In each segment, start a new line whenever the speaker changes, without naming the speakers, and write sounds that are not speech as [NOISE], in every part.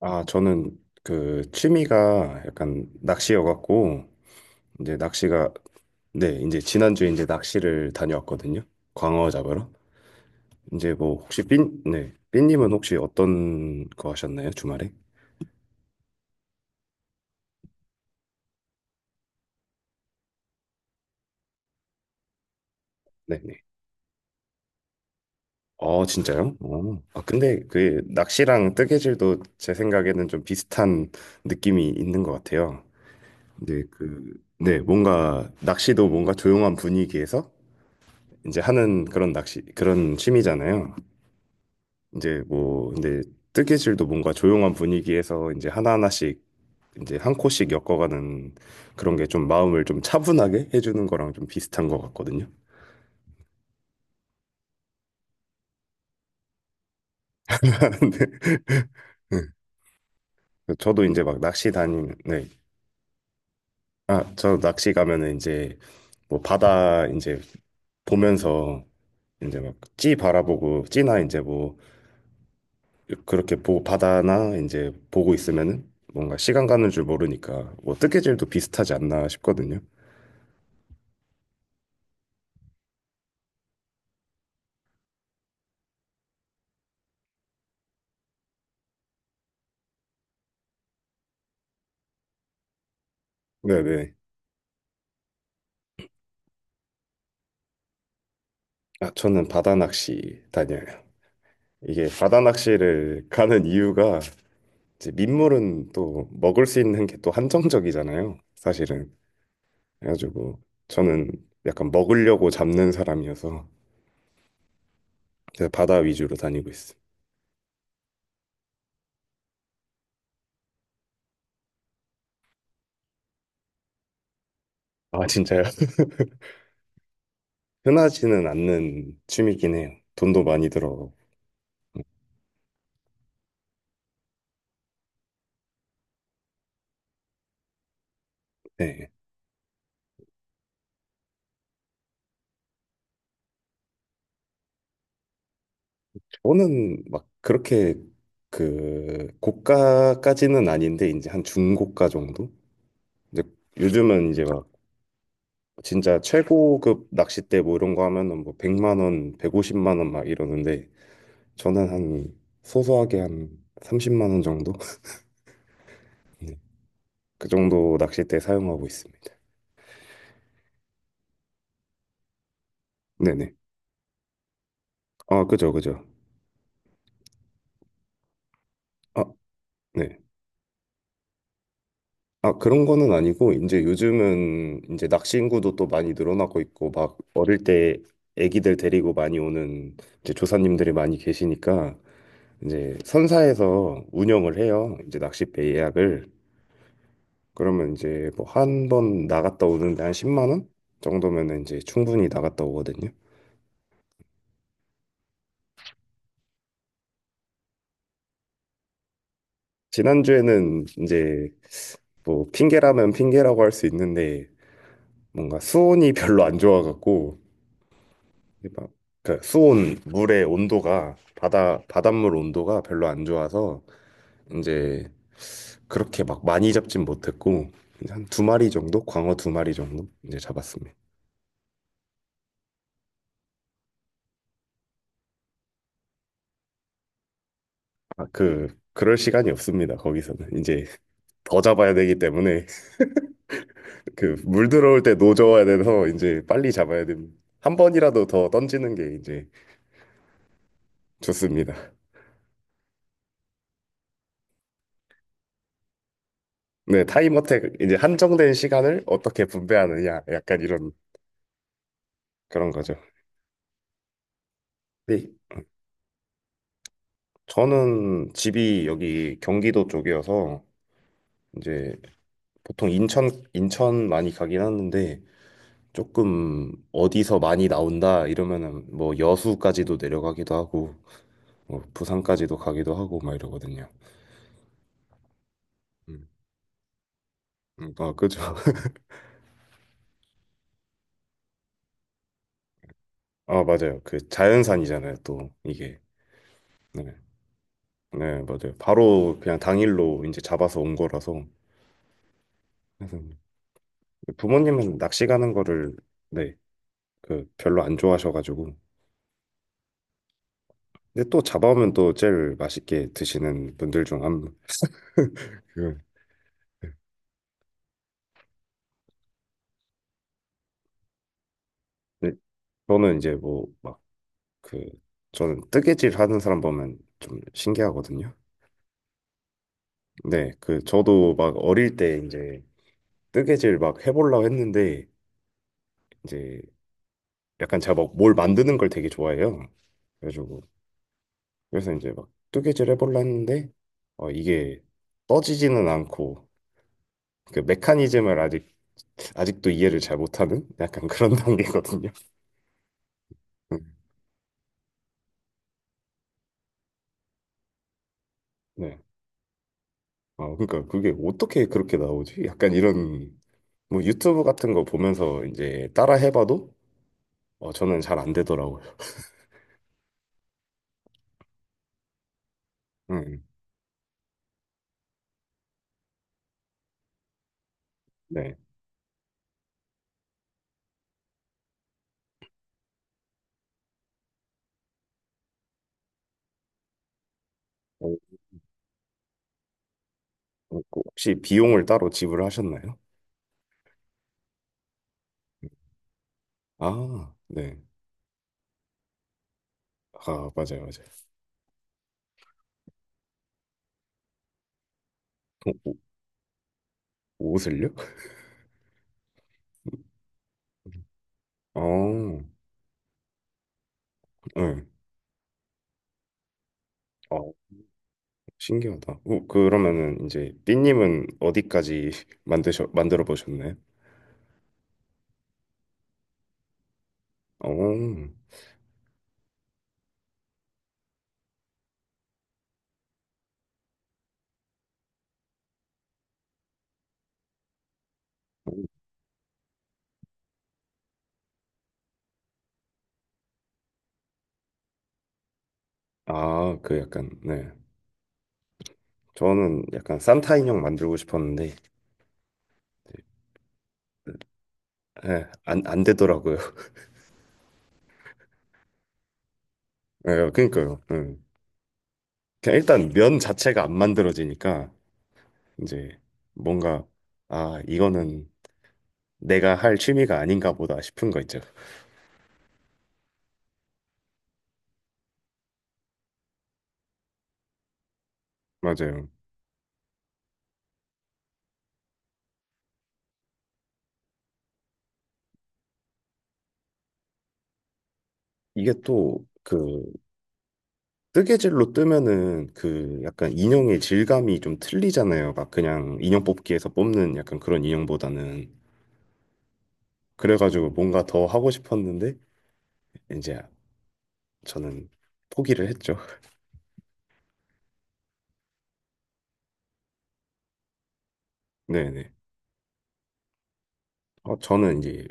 아, 저는 그 취미가 약간 낚시여갖고 이제 낚시가. 네, 이제 지난주에 이제 낚시를 다녀왔거든요. 광어 잡으러. 이제 뭐 혹시 삔, 네, 삔님은 혹시 어떤 거 하셨나요? 주말에? 네네. 어, 진짜요? 어. 아, 근데 그 낚시랑 뜨개질도 제 생각에는 좀 비슷한 느낌이 있는 것 같아요. 근데 그, 네, 뭔가 낚시도 뭔가 조용한 분위기에서 이제 하는 그런 낚시, 그런 취미잖아요. 이제 뭐 근데 뜨개질도 뭔가 조용한 분위기에서 이제 하나하나씩 이제 한 코씩 엮어가는 그런 게 좀 마음을 좀 차분하게 해주는 거랑 좀 비슷한 것 같거든요. [LAUGHS] 근데 네. 저도 이제 막 낚시 다니면 네. 아, 저 낚시 가면은 이제 뭐 바다 이제 보면서 이제 막 찌 바라보고 찌나 이제 뭐 그렇게 보 바다나 이제 보고 있으면은 뭔가 시간 가는 줄 모르니까 뭐 뜨개질도 비슷하지 않나 싶거든요. 네네. 아, 저는 바다 낚시 다녀요. 이게 바다 낚시를 가는 이유가 이제 민물은 또 먹을 수 있는 게 또 한정적이잖아요. 사실은. 그래가지고 저는 약간 먹으려고 잡는 사람이어서 그래서 바다 위주로 다니고 있어요. 아, 진짜요? [LAUGHS] 흔하지는 않는 취미긴 해요. 돈도 많이 들어가고. 네. 저는 막 그렇게 그 고가까지는 아닌데 이제 한 중고가 정도? 이제 요즘은 이제 막 진짜 최고급 낚싯대 뭐 이런 거 하면은 뭐 100만 원, 150만 원 막 이러는데 저는 한 소소하게 한 30만 원 정도? [LAUGHS] 네. 그 정도 낚싯대 사용하고 있습니다. 네네. 아, 그죠, 그죠. 아, 네. 아, 그런 거는 아니고 이제 요즘은 이제 낚시 인구도 또 많이 늘어나고 있고 막 어릴 때 애기들 데리고 많이 오는 이제 조사님들이 많이 계시니까 이제 선사에서 운영을 해요. 이제 낚싯배 예약을. 그러면 이제 뭐 한 번 나갔다 오는데 한 10만 원 정도면은 이제 충분히 나갔다 오거든요. 지난주에는 이제 뭐 핑계라면 핑계라고 할 수 있는데 뭔가 수온이 [LAUGHS] 별로 안 좋아갖고 막 그 수온 물의 온도가 바다 바닷물 온도가 별로 안 좋아서 이제 그렇게 막 많이 잡진 못했고 한 두 마리 정도 광어 두 마리 정도 이제 잡았습니다. 아, 그 그럴 시간이 없습니다. 거기서는 이제 더 잡아야 되기 때문에 그 물 들어올 때 노져야 돼서 이제 빨리 잡아야 됩니다. 한 번이라도 더 던지는 게 이제 좋습니다. 네, 타임어택 이제 한정된 시간을 어떻게 분배하느냐 약간 이런 그런 거죠. 근데 저는 집이 여기 경기도 쪽이어서 이제 보통 인천 많이 가긴 하는데 조금 어디서 많이 나온다 이러면은 뭐 여수까지도 내려가기도 하고 뭐 부산까지도 가기도 하고 막 이러거든요. 음, 아, 그죠. 아, 맞아요. 그 자연산이잖아요, 또 이게. 네. 네, 맞아요. 바로 그냥 당일로 이제 잡아서 온 거라서. 그래서 부모님은 낚시 가는 거를 네, 그 별로 안 좋아하셔가지고. 근데 또 잡아오면 또 제일 맛있게 드시는 분들 중 한 분. 그 네, 저는 이제 뭐 막 그 저는 뜨개질 하는 사람 보면 좀 신기하거든요. 네, 그 저도 막 어릴 때 이제 뜨개질 막 해보려고 했는데 이제 약간 제가 막 뭘 만드는 걸 되게 좋아해요. 그래가지고 그래서 이제 막 뜨개질 해볼라 했는데 어 이게 떠지지는 않고 그 메커니즘을 아직도 이해를 잘 못하는 약간 그런 [LAUGHS] 단계거든요. 음, 네. 어 그러니까 그게 어떻게 그렇게 나오지? 약간 이런 뭐 유튜브 같은 거 보면서 이제 따라 해봐도 어 저는 잘 안 되더라고요. 음, 네. 어, 어, 그 혹시 비용을 따로 지불하셨나요? 아, 네. 아, 맞아요, 맞아요. 어, 옷- 옷을요? [LAUGHS] 어, 네. 어, 신기하다. 어, 그러면은 이제 삐님은 어디까지 [LAUGHS] 만드셔 만들어 보셨나요? 어, 아, 그 약간 네. 저는 약간 산타 인형 만들고 싶었는데 예, 안 되더라고요. [LAUGHS] 예, 그러니까요. 예. 그냥 일단 면 자체가 안 만들어지니까 이제 뭔가 아, 이거는 내가 할 취미가 아닌가 보다 싶은 거 있죠. 맞아요. 이게 또그 뜨개질로 뜨면은 그 약간 인형의 질감이 좀 틀리잖아요. 막 그냥 인형 뽑기에서 뽑는 약간 그런 인형보다는. 그래가지고 뭔가 더 하고 싶었는데 이제 저는 포기를 했죠. [LAUGHS] 네네. 어, 저는 이제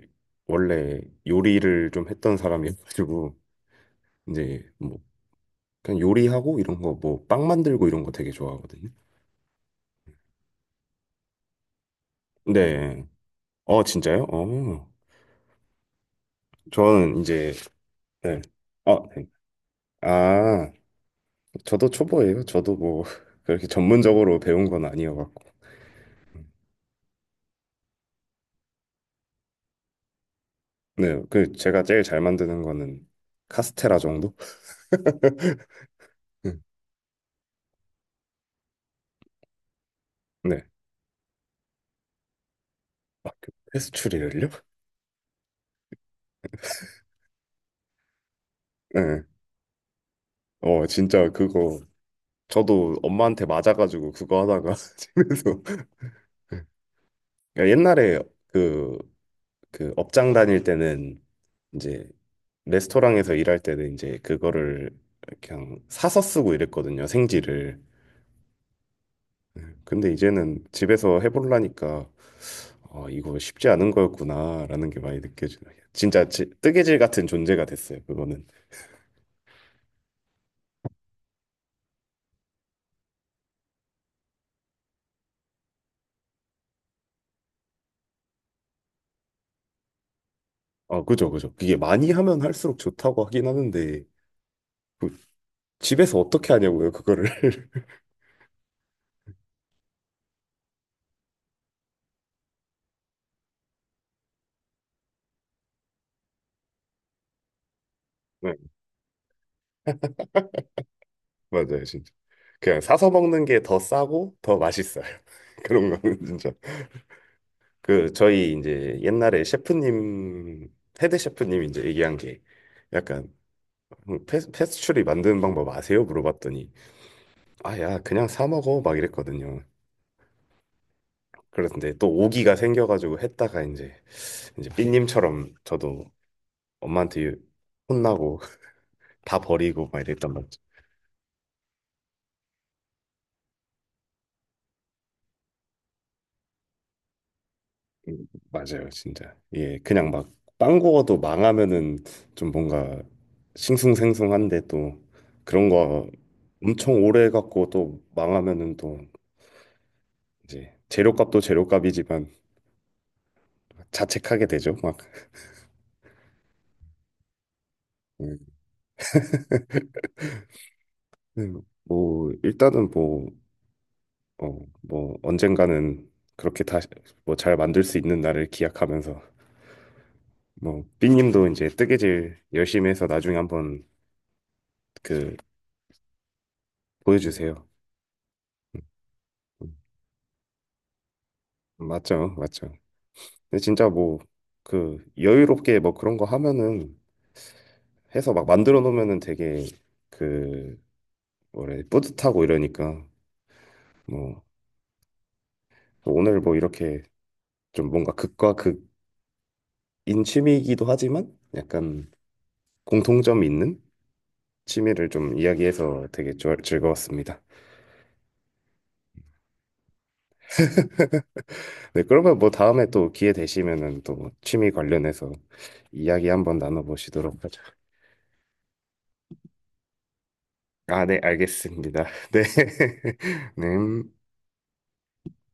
원래 요리를 좀 했던 사람이어가지고 이제 뭐 그냥 요리하고 이런 거 뭐 빵 만들고 이런 거 되게 좋아하거든요. 네. 어, 진짜요? 어. 저는 이제 네. 어, 네. 아. 저도 초보예요. 저도 뭐 [LAUGHS] 그렇게 전문적으로 배운 건 아니어갖고. 네, 그 제가 제일 잘 만드는 거는 카스테라 정도? 응. 네. 아, 그 페스츄리를요? 네. 어, 진짜 그거 저도 엄마한테 맞아가지고 그거 하다가 [LAUGHS] 집에서 그러니까 옛날에 그, 그 업장 다닐 때는 이제 레스토랑에서 일할 때는 이제 그거를 그냥 사서 쓰고 이랬거든요. 생지를. 네, 근데 이제는 집에서 해보려니까 아, 이거 쉽지 않은 거였구나라는 게 많이 느껴지네요. 진짜 뜨개질 같은 존재가 됐어요. 그거는. 아 그죠, 그죠. 이게 많이 하면 할수록 좋다고 하긴 하는데 그 집에서 어떻게 하냐고요, 그거를. [LAUGHS] 네, 맞아요, 진짜. 그냥 사서 먹는 게 더 싸고 더 맛있어요. [LAUGHS] 그런 거는 진짜. 그 저희 이제 옛날에 셰프님 헤드 셰프님 이제 얘기한 게 약간 패스츄리 만드는 방법 아세요? 물어봤더니 아, 야, 그냥 사 먹어. 막 이랬거든요. 그런데 또 오기가 생겨가지고 했다가 이제, 이제 삐님처럼 저도 엄마한테 혼나고 [LAUGHS] 다 버리고 막 이랬단 말이죠. 맞아요, 진짜. 예, 그냥 막 빵 구워도 망하면은 좀 뭔가 싱숭생숭한데 또 그런 거 엄청 오래 갖고 또 망하면은 또 이제 재료값도 재료값이지만 자책하게 되죠. 막. 음, 뭐, 일단은 뭐, 어, 뭐 언젠가는 그렇게 다시 뭐 잘 만들 수 있는 날을 기약하면서 뭐 삐님도 이제 뜨개질 열심히 해서 나중에 한번 그 보여주세요. 음, 맞죠, 맞죠. 근데 진짜 뭐 그 여유롭게 뭐 그런 거 하면은 해서 막 만들어 놓으면은 되게 그 뭐래 뿌듯하고 이러니까 뭐 오늘 뭐 이렇게 좀 뭔가 극과 극인 취미이기도 하지만 약간 공통점이 있는 취미를 좀 이야기해서 되게 즐거웠습니다. 네, 그러면 뭐 다음에 또 기회 되시면은 또뭐 취미 관련해서 이야기 한번 나눠보시도록 하죠. 아, 네, 알겠습니다. [LAUGHS] 네. [LAUGHS] 네.